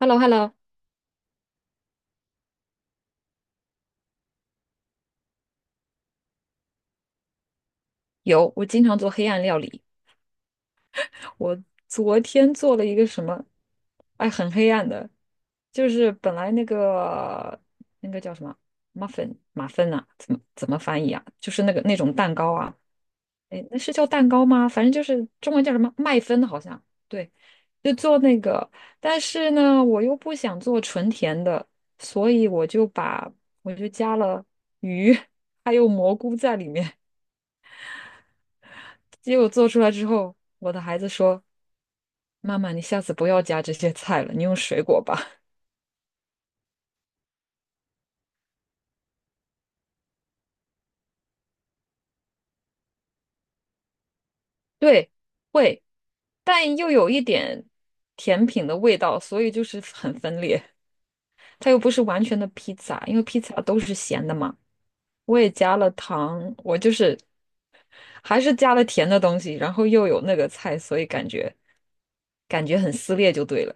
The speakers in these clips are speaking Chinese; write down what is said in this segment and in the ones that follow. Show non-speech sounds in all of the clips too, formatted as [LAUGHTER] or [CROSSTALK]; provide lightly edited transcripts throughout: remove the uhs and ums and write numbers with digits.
h e l l o hello 有，我经常做黑暗料理。我昨天做了一个什么，哎，很黑暗的，就是本来那个叫什么 muffin 马芬啊，怎么翻译啊？就是那个那种蛋糕啊，哎，那是叫蛋糕吗？反正就是中文叫什么麦芬，好像对，就做那个。但是呢，我又不想做纯甜的，所以我就加了鱼还有蘑菇在里面。结果做出来之后，我的孩子说：“妈妈，你下次不要加这些菜了，你用水果吧。[LAUGHS]”对，会，但又有一点甜品的味道，所以就是很分裂。它又不是完全的披萨，因为披萨都是咸的嘛。我也加了糖，我就是还是加了甜的东西，然后又有那个菜，所以感觉很撕裂就对了。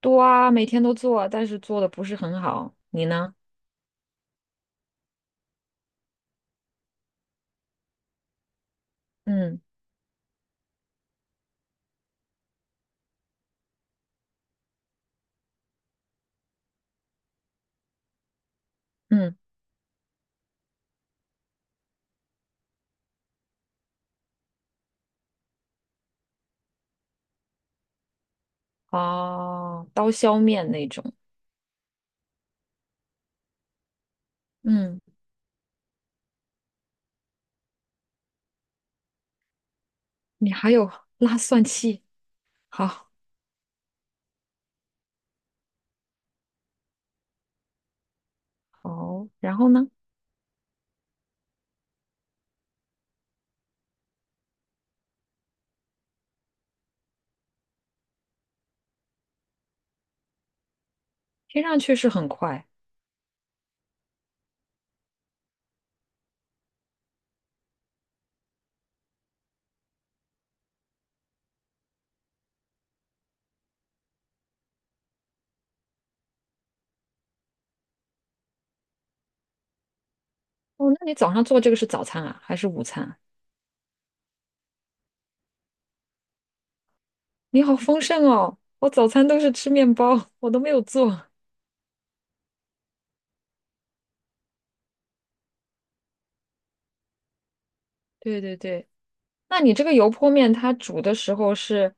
多啊，每天都做啊，但是做的不是很好。你呢？嗯嗯，哦，刀削面那种。嗯，你还有拉蒜器，好，好，然后呢？听上去是很快哦。那你早上做这个是早餐啊，还是午餐啊你好丰盛哦，我早餐都是吃面包，我都没有做。对对对，那你这个油泼面它煮的时候是，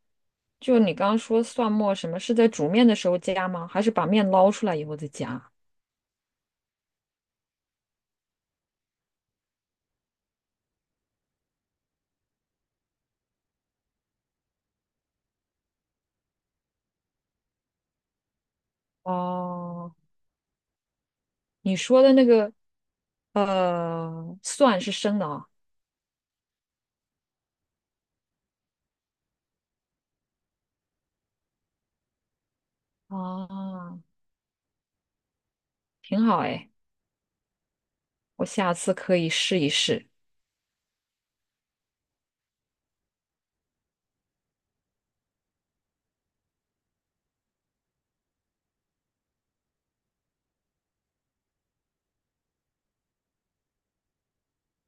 就你刚刚说蒜末什么，是在煮面的时候加吗？还是把面捞出来以后再加？哦，你说的那个蒜是生的啊，哦，挺好哎。我下次可以试一试，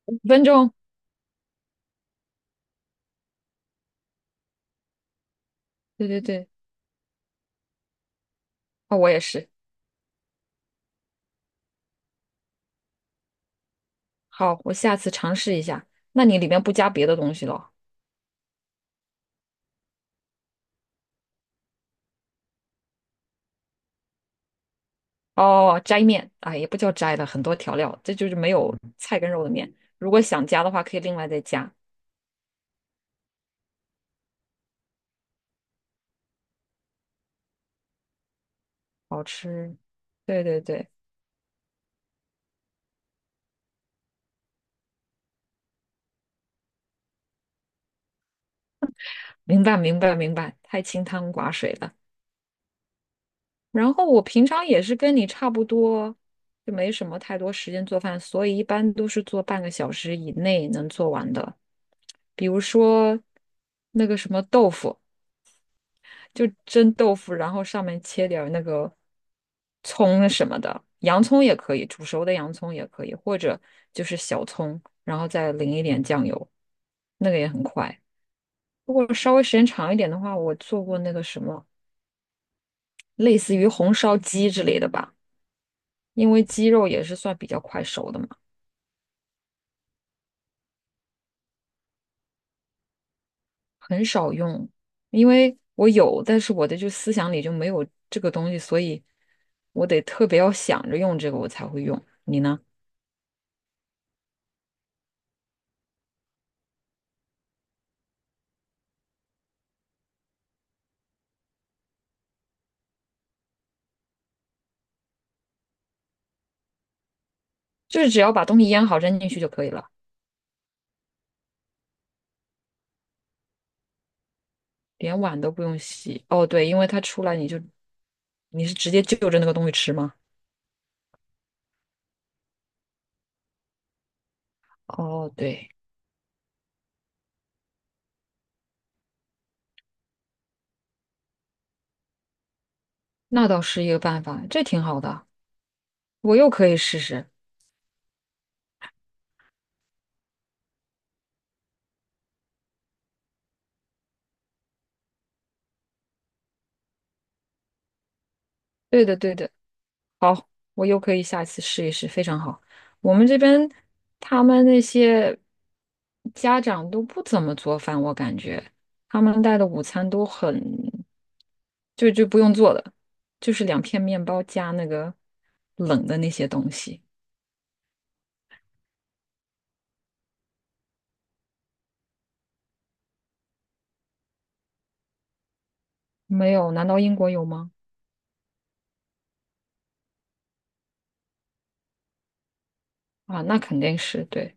5分钟。对对对，哦，我也是。好，我下次尝试一下。那你里面不加别的东西了？哦，斋面，哎，也不叫斋的，很多调料，这就是没有菜跟肉的面。如果想加的话，可以另外再加。好吃。对对对，明白明白明白，太清汤寡水了。然后我平常也是跟你差不多，就没什么太多时间做饭，所以一般都是做半个小时以内能做完的。比如说那个什么豆腐，就蒸豆腐，然后上面切点儿那个葱什么的，洋葱也可以，煮熟的洋葱也可以，或者就是小葱，然后再淋一点酱油，那个也很快。如果稍微时间长一点的话，我做过那个什么，类似于红烧鸡之类的吧。因为鸡肉也是算比较快熟的嘛，很少用。因为我有，但是我的就思想里就没有这个东西，所以我得特别要想着用这个，我才会用。你呢？就是只要把东西腌好扔进去就可以了，连碗都不用洗。哦，对，因为它出来你是直接就着那个东西吃吗？哦，对，那倒是一个办法，这挺好的，我又可以试试。对的，对的。我又可以下一次试一试，非常好。我们这边他们那些家长都不怎么做饭，我感觉他们带的午餐都很，就不用做的，就是两片面包加那个冷的那些东西。没有？难道英国有吗？啊，那肯定是对。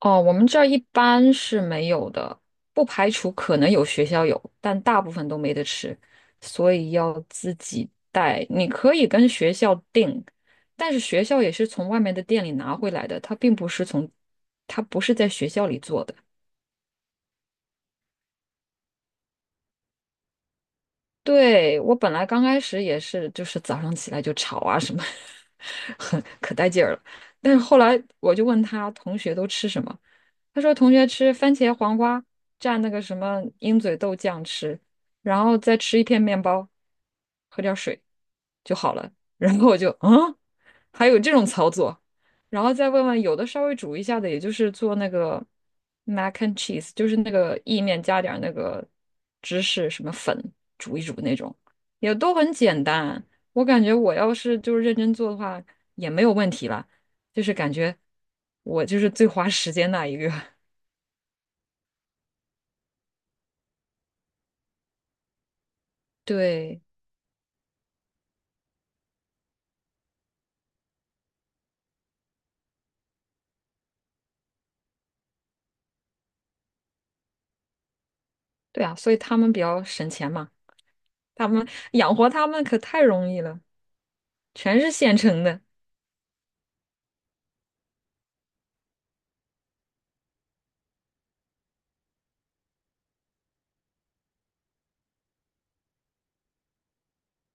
哦，我们这儿一般是没有的，不排除可能有学校有，但大部分都没得吃，所以要自己带。你可以跟学校订，但是学校也是从外面的店里拿回来的，它不是在学校里做的。对，我本来刚开始也是，就是早上起来就吵啊什么，[LAUGHS] 很可带劲儿了。但是后来我就问他同学都吃什么，他说同学吃番茄黄瓜蘸那个什么鹰嘴豆酱吃，然后再吃一片面包，喝点儿水就好了。[LAUGHS] 然后我就嗯，还有这种操作，然后再问问有的稍微煮一下的，也就是做那个 mac and cheese，就是那个意面加点儿那个芝士什么粉煮一煮那种，也都很简单。我感觉我要是认真做的话，也没有问题啦。就是感觉我就是最花时间那一个。[LAUGHS] 对对啊，所以他们比较省钱嘛，他们养活他们可太容易了，全是现成的。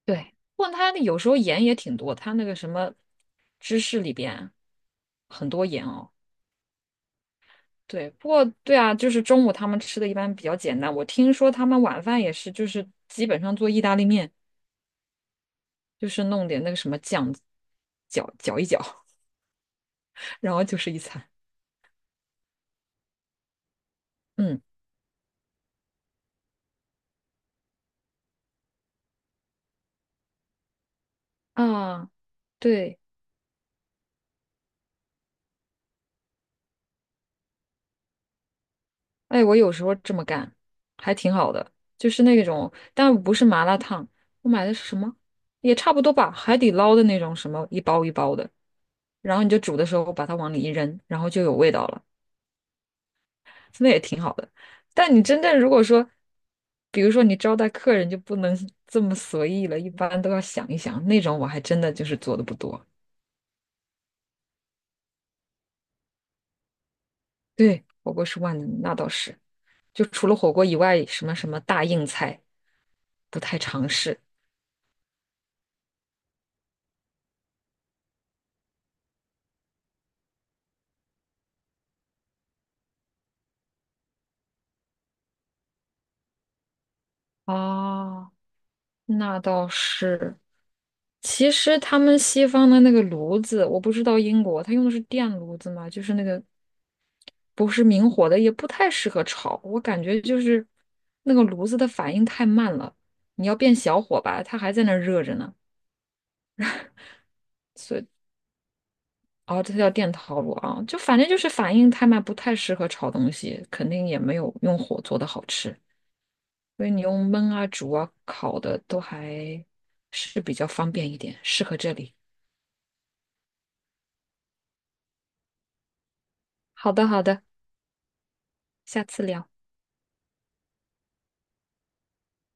对，不过他那有时候盐也挺多，他那个什么芝士里边很多盐哦。对，不过对啊，就是中午他们吃的一般比较简单。我听说他们晚饭也是，就是基本上做意大利面，就是弄点那个什么酱，搅一搅，[LAUGHS] 然后就是一餐。嗯啊，对，哎，我有时候这么干，还挺好的，就是那种，但不是麻辣烫，我买的是什么？也差不多吧，海底捞的那种什么一包一包的，然后你就煮的时候把它往里一扔，然后就有味道了，那也挺好的。但你真正如果说，比如说你招待客人就不能 [LAUGHS] 这么随意了，一般都要想一想。那种我还真的就是做的不多。对，火锅是万能，那倒是。就除了火锅以外，什么大硬菜不太尝试。啊，那倒是。其实他们西方的那个炉子，我不知道英国，他用的是电炉子吗？就是那个不是明火的，也不太适合炒。我感觉就是那个炉子的反应太慢了，你要变小火吧，它还在那儿热着呢。哦，这叫电陶炉啊，就反正就是反应太慢，不太适合炒东西，肯定也没有用火做的好吃。所以你用焖啊、煮啊、烤的都还是比较方便一点，适合这里。好的，好的，下次聊。